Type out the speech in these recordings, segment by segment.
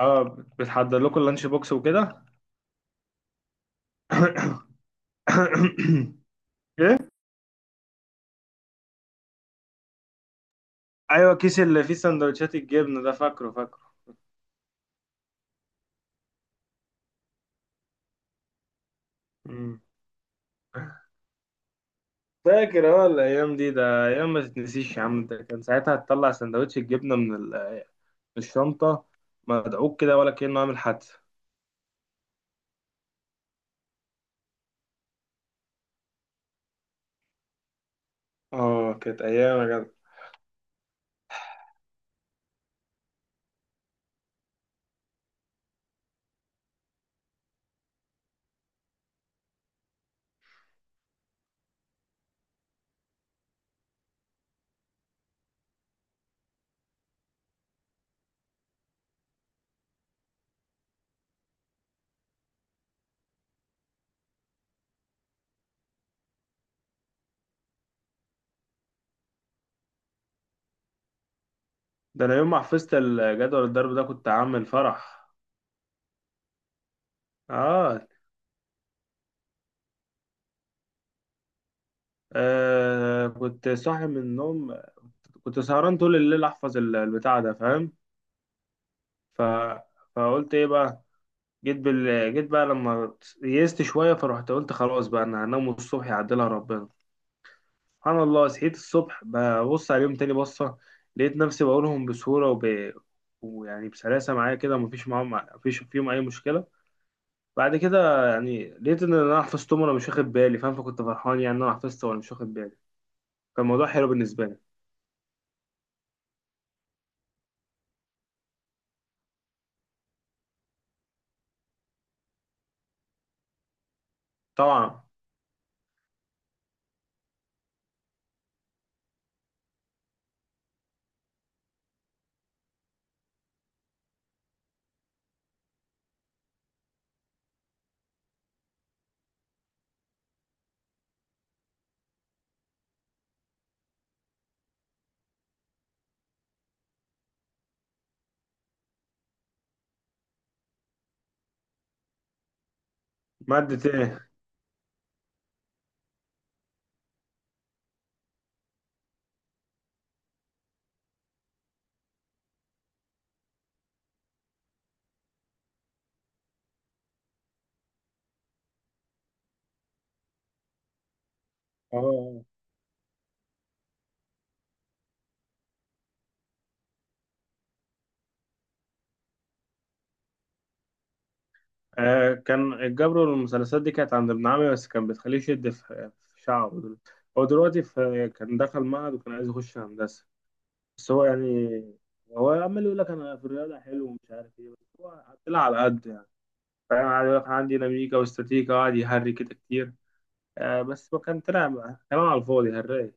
اه، بتحضر لكم اللانش بوكس وكده؟ ايه، ايوه، كيس اللي فيه سندوتشات الجبنه ده، فاكره فاكره. مم. فاكر اه الايام دي، ده ايام ما تتنسيش يا عم. ده كان ساعتها تطلع سندوتش الجبنه من من الشنطه، مدعوك كده ولا كأنه عامل حادثه. اه، كانت ايام يا جدع. ده انا يوم ما حفظت الجدول الضرب ده كنت عامل فرح. اه. كنت صاحي من النوم، كنت سهران طول الليل احفظ البتاع ده، فاهم؟ ف... فقلت ايه بقى، جيت بقى لما يئست شويه، فرحت قلت خلاص بقى انا هنام الصبح، يعدلها ربنا. سبحان الله، صحيت الصبح ببص عليهم تاني بصه، لقيت نفسي بقولهم بسهوله ويعني بسلاسه معايا كده، مفيش معاهم، مفيش فيهم اي مشكله. بعد كده يعني لقيت ان انا حفظتهم وانا مش واخد بالي، فاهم؟ فكنت فرحان يعني ان انا حفظت وانا مش واخد بالي. كان الموضوع حلو بالنسبه لي. طبعا. ماده ايه؟ اه. آه، كان الجبر والمثلثات دي كانت عند ابن عمي، بس كان بتخليه يشد في شعره. هو دلوقتي كان دخل معهد وكان عايز يخش هندسة، بس هو يعني، هو عمال يقول لك أنا في الرياضة حلو ومش عارف إيه، بس هو طلع على قد يعني، فاهم؟ قاعد يقول لك أنا عندي ديناميكا واستاتيكا، وقعد يهري كده كتير. بس هو كان طلع كلام على الفاضي، هري.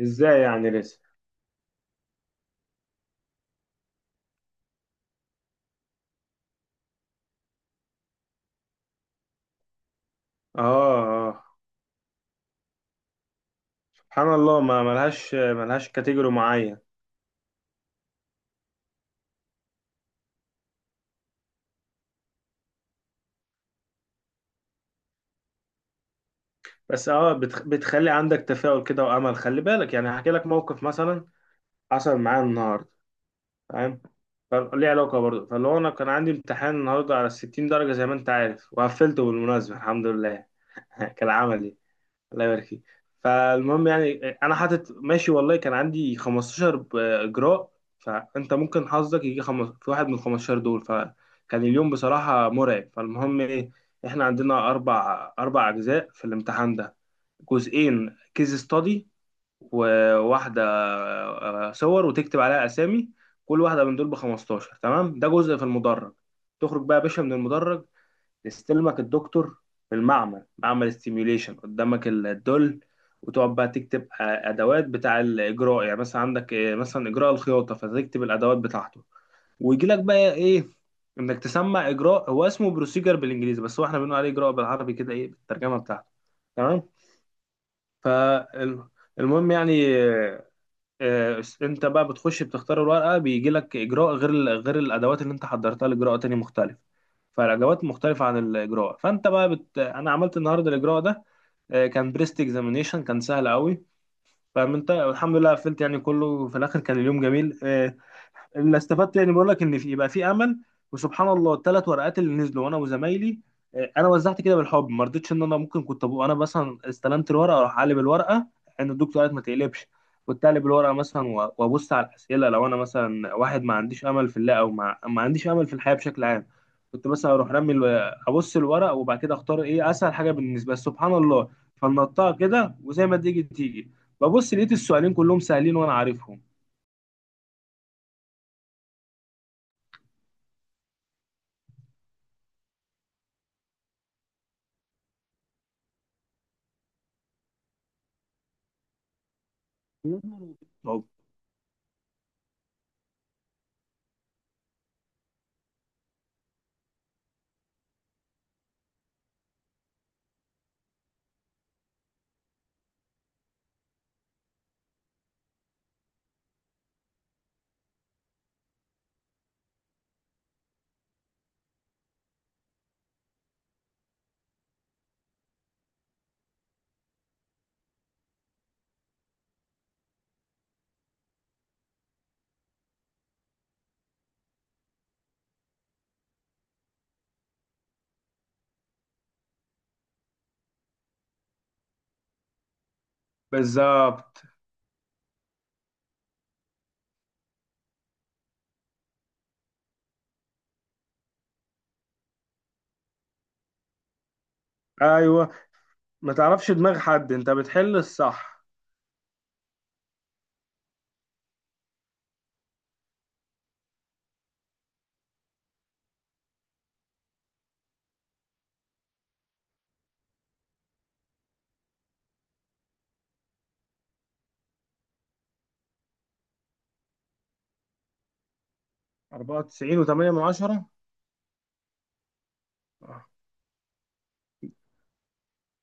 إزاي يعني لسه؟ آه. آه. سبحان الله، ما ملهاش كاتيجوري معين. بس اه، بتخلي عندك تفاؤل كده وامل، خلي بالك يعني، هحكي لك موقف مثلا حصل معايا النهارده، فاهم؟ فليه علاقه برضه، فاللي هو انا كان عندي امتحان النهارده على 60 درجه زي ما انت عارف، وقفلته بالمناسبه الحمد لله. كان عملي. الله يبارك فيك. فالمهم يعني، انا حاطط ماشي والله، كان عندي 15 اجراء، فانت ممكن حظك يجي خمس في واحد من ال 15 دول، فكان اليوم بصراحة مرعب. فالمهم ايه، احنا عندنا اربع اجزاء في الامتحان ده. جزئين كيس ستادي، وواحدة صور وتكتب عليها اسامي. كل واحدة من دول ب 15، تمام؟ ده جزء في المدرج، تخرج بقى يا باشا من المدرج يستلمك الدكتور في المعمل، معمل السيميوليشن، قدامك الدول، وتقعد بقى تكتب ادوات بتاع الاجراء، يعني مثلا عندك مثلا اجراء الخياطه فتكتب الادوات بتاعته. ويجي لك بقى ايه، انك تسمع اجراء. هو اسمه بروسيجر بالانجليزي، بس هو احنا بنقول عليه اجراء بالعربي كده، ايه بالترجمه بتاعته. تمام. فالمهم يعني انت بقى بتخش بتختار الورقه، بيجي لك اجراء غير غير الادوات اللي انت حضرتها، لاجراء تاني مختلف. فالادوات مختلفه عن الاجراء، فانت بقى انا عملت النهارده الاجراء ده. كان بريست اكزامينيشن، كان سهل قوي، فاهم؟ انت الحمد لله قفلت يعني، كله في الاخر كان اليوم جميل. اللي استفدت يعني، بقول لك ان في يبقى في امل. وسبحان الله الثلاث ورقات اللي نزلوا، وانا وزمايلي انا وزعت كده بالحب، ما رضيتش ان انا ممكن كنت ابقى، انا مثلا استلمت الورقه اروح اقلب الورقه، ان الدكتور قالت ما تقلبش. كنت اقلب الورقه مثلا وابص على الاسئله، لو انا مثلا واحد ما عنديش امل في الله، او ما عنديش امل في الحياه بشكل عام، كنت مثلا اروح رمي ابص الورق وبعد كده اختار ايه اسهل حاجه بالنسبه لي، سبحان الله. فنطها كده وزي ما تيجي تيجي، ببص لقيت السؤالين كلهم سهلين وانا عارفهم بالظبط. ايوه، ما تعرفش دماغ حد انت بتحل الصح. 94 و8 من 10. اه،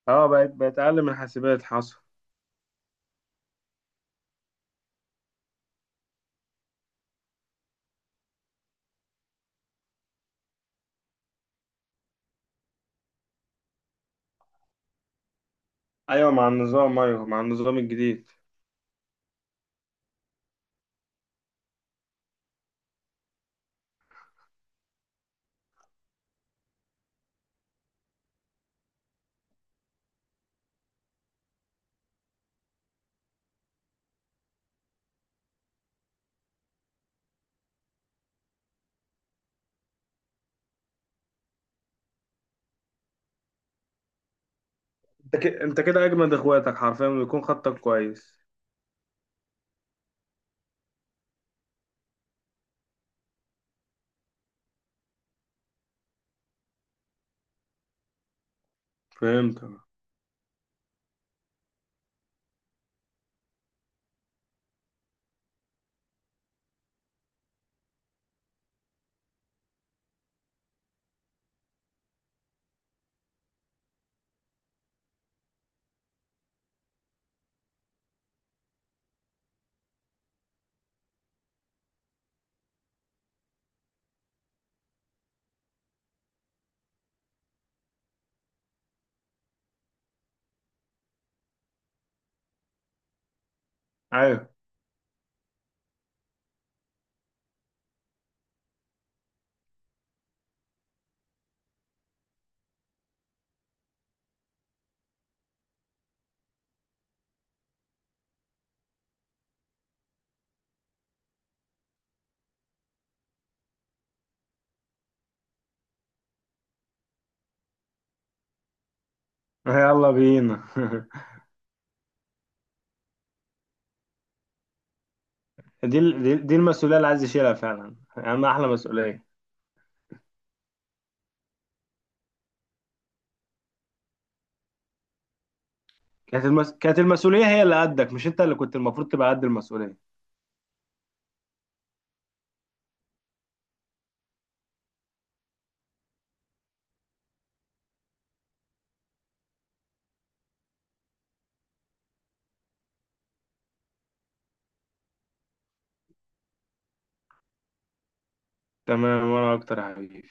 بقت اقل من حاسبات، حصل. ايوه مع النظام، ايوه مع النظام الجديد. انت كده، انت كده اجمد اخواتك، حرفيا بيكون خطك كويس. فهمت. ايوه. يلا بينا. دي المسؤوليه اللي عايز يشيلها فعلا، اما احلى مسؤوليه. كانت المسؤوليه هي اللي قدك، مش انت اللي كنت المفروض تبقى قد المسؤوليه. تمام، وانا اكتر يا حبيبي.